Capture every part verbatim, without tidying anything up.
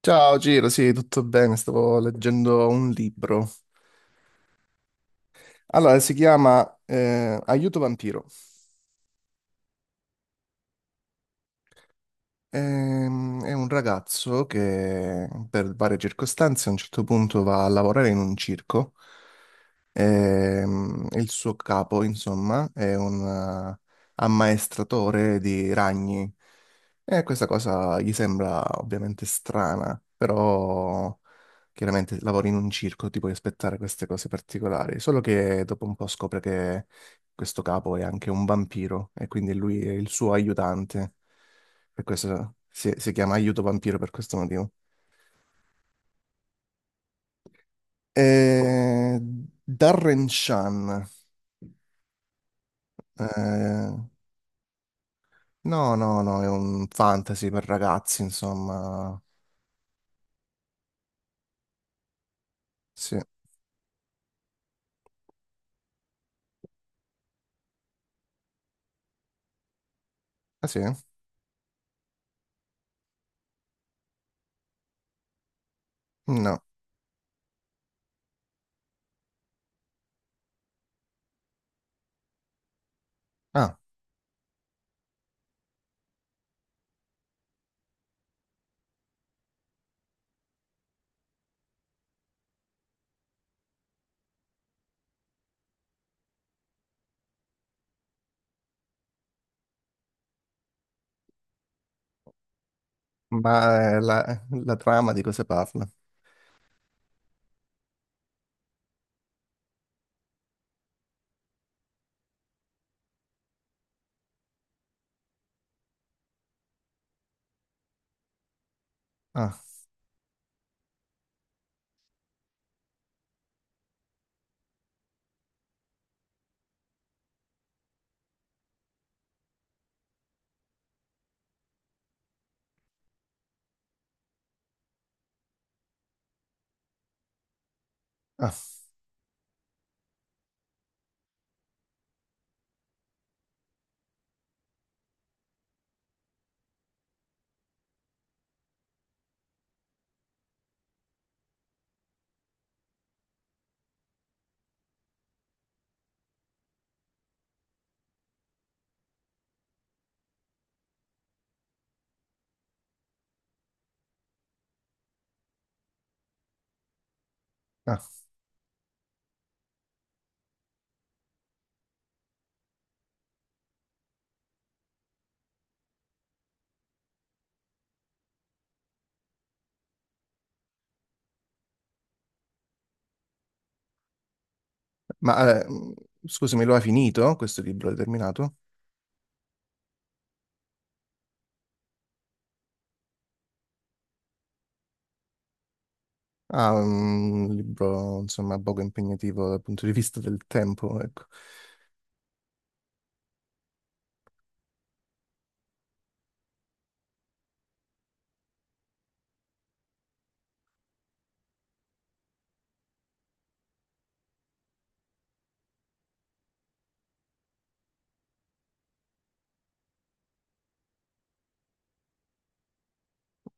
Ciao Giro, sì, tutto bene, stavo leggendo un libro. Allora, si chiama eh, Aiuto Vampiro. Ehm, È un ragazzo che per varie circostanze a un certo punto va a lavorare in un circo. Ehm, il suo capo, insomma, è un eh, ammaestratore di ragni e questa cosa gli sembra ovviamente strana, però chiaramente lavori in un circo, ti puoi aspettare queste cose particolari, solo che dopo un po' scopre che questo capo è anche un vampiro e quindi lui è il suo aiutante. Per questo si, si chiama Aiuto Vampiro per questo motivo. Eh, Darren Shan. Eh, no, no, no, è un fantasy per ragazzi, insomma. Sì. Ah, sì? No. Ah, ma eh, la, la trama di cosa parla? Ah, ah, ah. Ma eh, scusami, lo hai finito questo libro? L'hai terminato? Ah, mm, un libro, insomma, poco impegnativo dal punto di vista del tempo, ecco.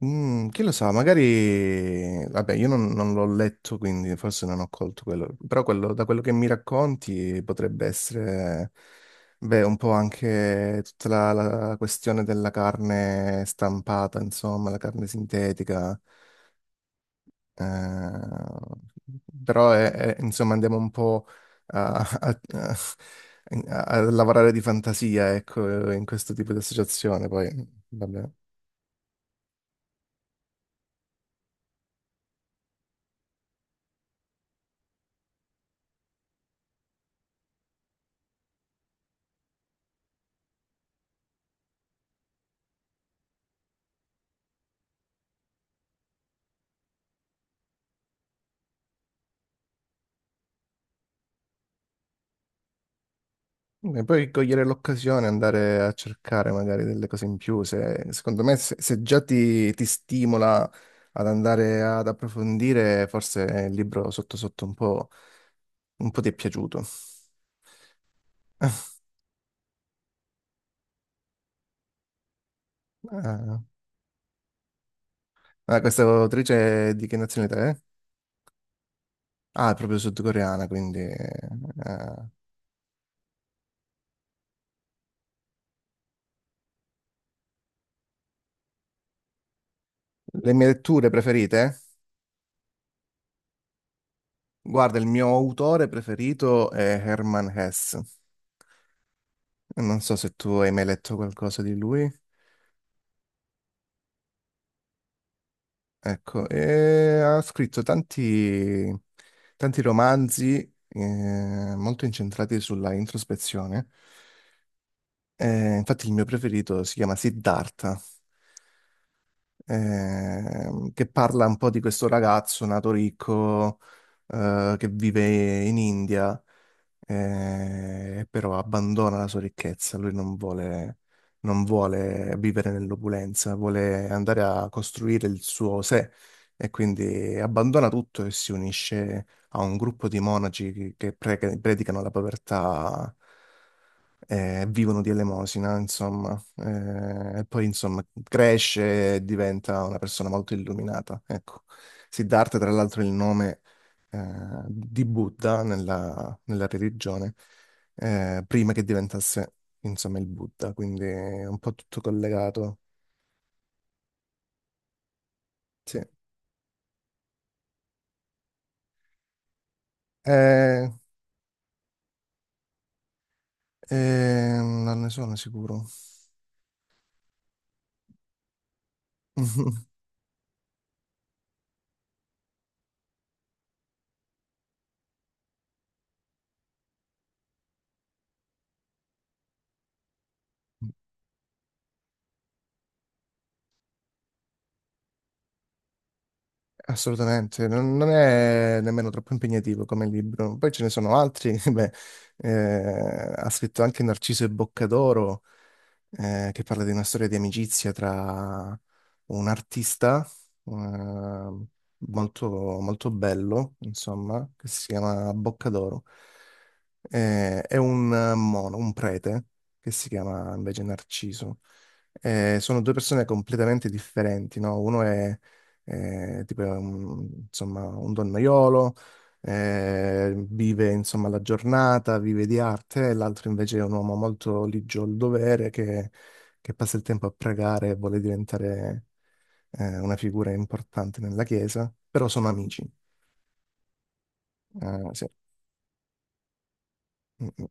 Mm, chi lo sa, magari. Vabbè, io non, non l'ho letto, quindi forse non ho colto quello. Però quello, da quello che mi racconti potrebbe essere, beh, un po' anche tutta la, la questione della carne stampata, insomma, la carne sintetica. Eh, Però, è- è- insomma, andiamo un po' a, a- a- a lavorare di fantasia, ecco, in questo tipo di associazione. Poi, vabbè. E poi cogliere l'occasione, andare a cercare magari delle cose in più, se, secondo me se, se già ti, ti stimola ad andare ad approfondire, forse il libro sotto sotto un po', un po' ti è piaciuto. Ah, ah, questa autrice è di che nazionalità è? Ah, è proprio sudcoreana, quindi eh, le mie letture preferite? Guarda, il mio autore preferito è Herman Hesse. Non so se tu hai mai letto qualcosa di lui. Ecco, e ha scritto tanti, tanti romanzi eh, molto incentrati sulla introspezione. Eh, infatti il mio preferito si chiama Siddhartha ehm, che parla un po' di questo ragazzo nato ricco eh, che vive in India, eh, però abbandona la sua ricchezza, lui non vuole, non vuole vivere nell'opulenza, vuole andare a costruire il suo sé e quindi abbandona tutto e si unisce a un gruppo di monaci che che pre- predicano la povertà eh, e vivono di elemosina, insomma. Eh, e poi insomma cresce e diventa una persona molto illuminata. Ecco. Siddhartha, tra l'altro, è il nome eh, di Buddha nella, nella religione, eh, prima che diventasse insomma il Buddha, quindi è un po' tutto collegato. Sì. Eh, eh, non ne sono sicuro. Assolutamente, non, non è nemmeno troppo impegnativo come libro. Poi ce ne sono altri, beh, eh, ha scritto anche Narciso e Boccadoro, eh, che parla di una storia di amicizia tra un artista, eh, molto, molto bello, insomma, che si chiama Boccadoro, eh, e un mono, un prete, che si chiama invece Narciso. Eh, sono due persone completamente differenti, no? Uno è eh, tipo un insomma un donnaiolo, eh, vive insomma la giornata, vive di arte, e l'altro invece è un uomo molto ligio al dovere che, che passa il tempo a pregare e vuole diventare eh, una figura importante nella chiesa, però sono amici. Eh, sì. Mm, mm.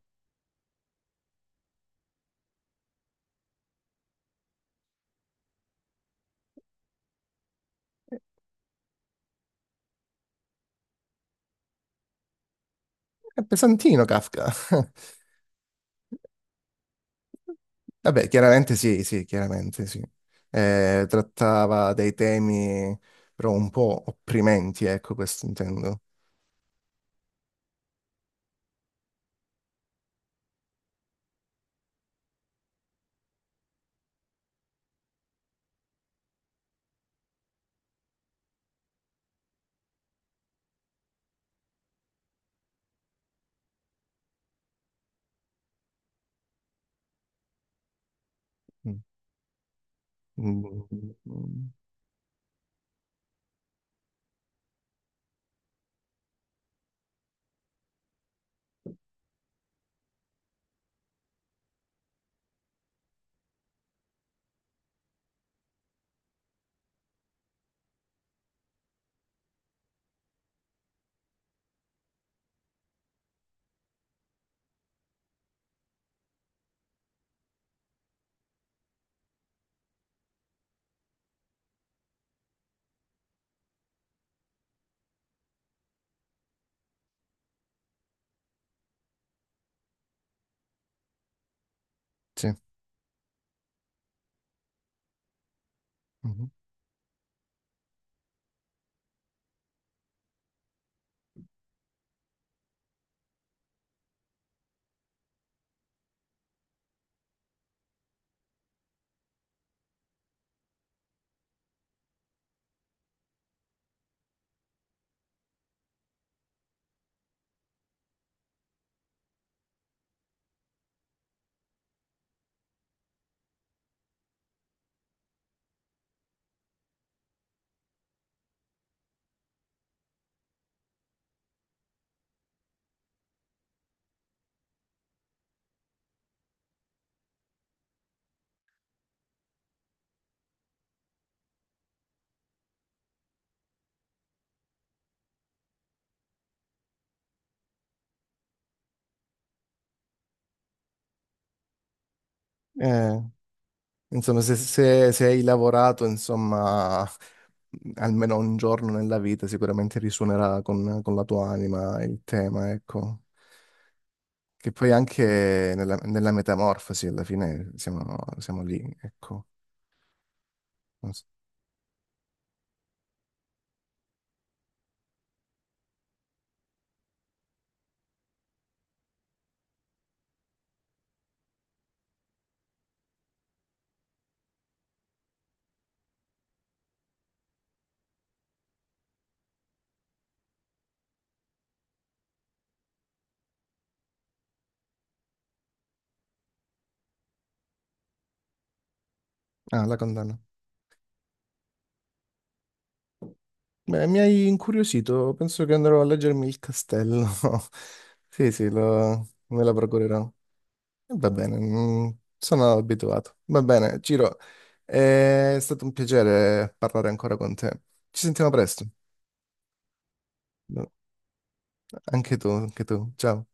È pesantino Kafka. Vabbè, chiaramente sì, sì, chiaramente sì. Eh, trattava dei temi però un po' opprimenti, ecco, questo intendo. Mm, mm, mm, mm. Sì. Mhm. Eh, insomma, se, se se hai lavorato, insomma, almeno un giorno nella vita, sicuramente risuonerà con, con la tua anima il tema, ecco. Che poi anche nella, nella metamorfosi, alla fine, siamo, siamo lì, ecco. Non so. Ah, la condanna. Beh, mi hai incuriosito, penso che andrò a leggermi il castello. Sì, sì, lo- me la procurerò. E va bene, mm, sono abituato. Va bene, Ciro, è stato un piacere parlare ancora con te. Ci sentiamo presto. Anche tu, anche tu. Ciao.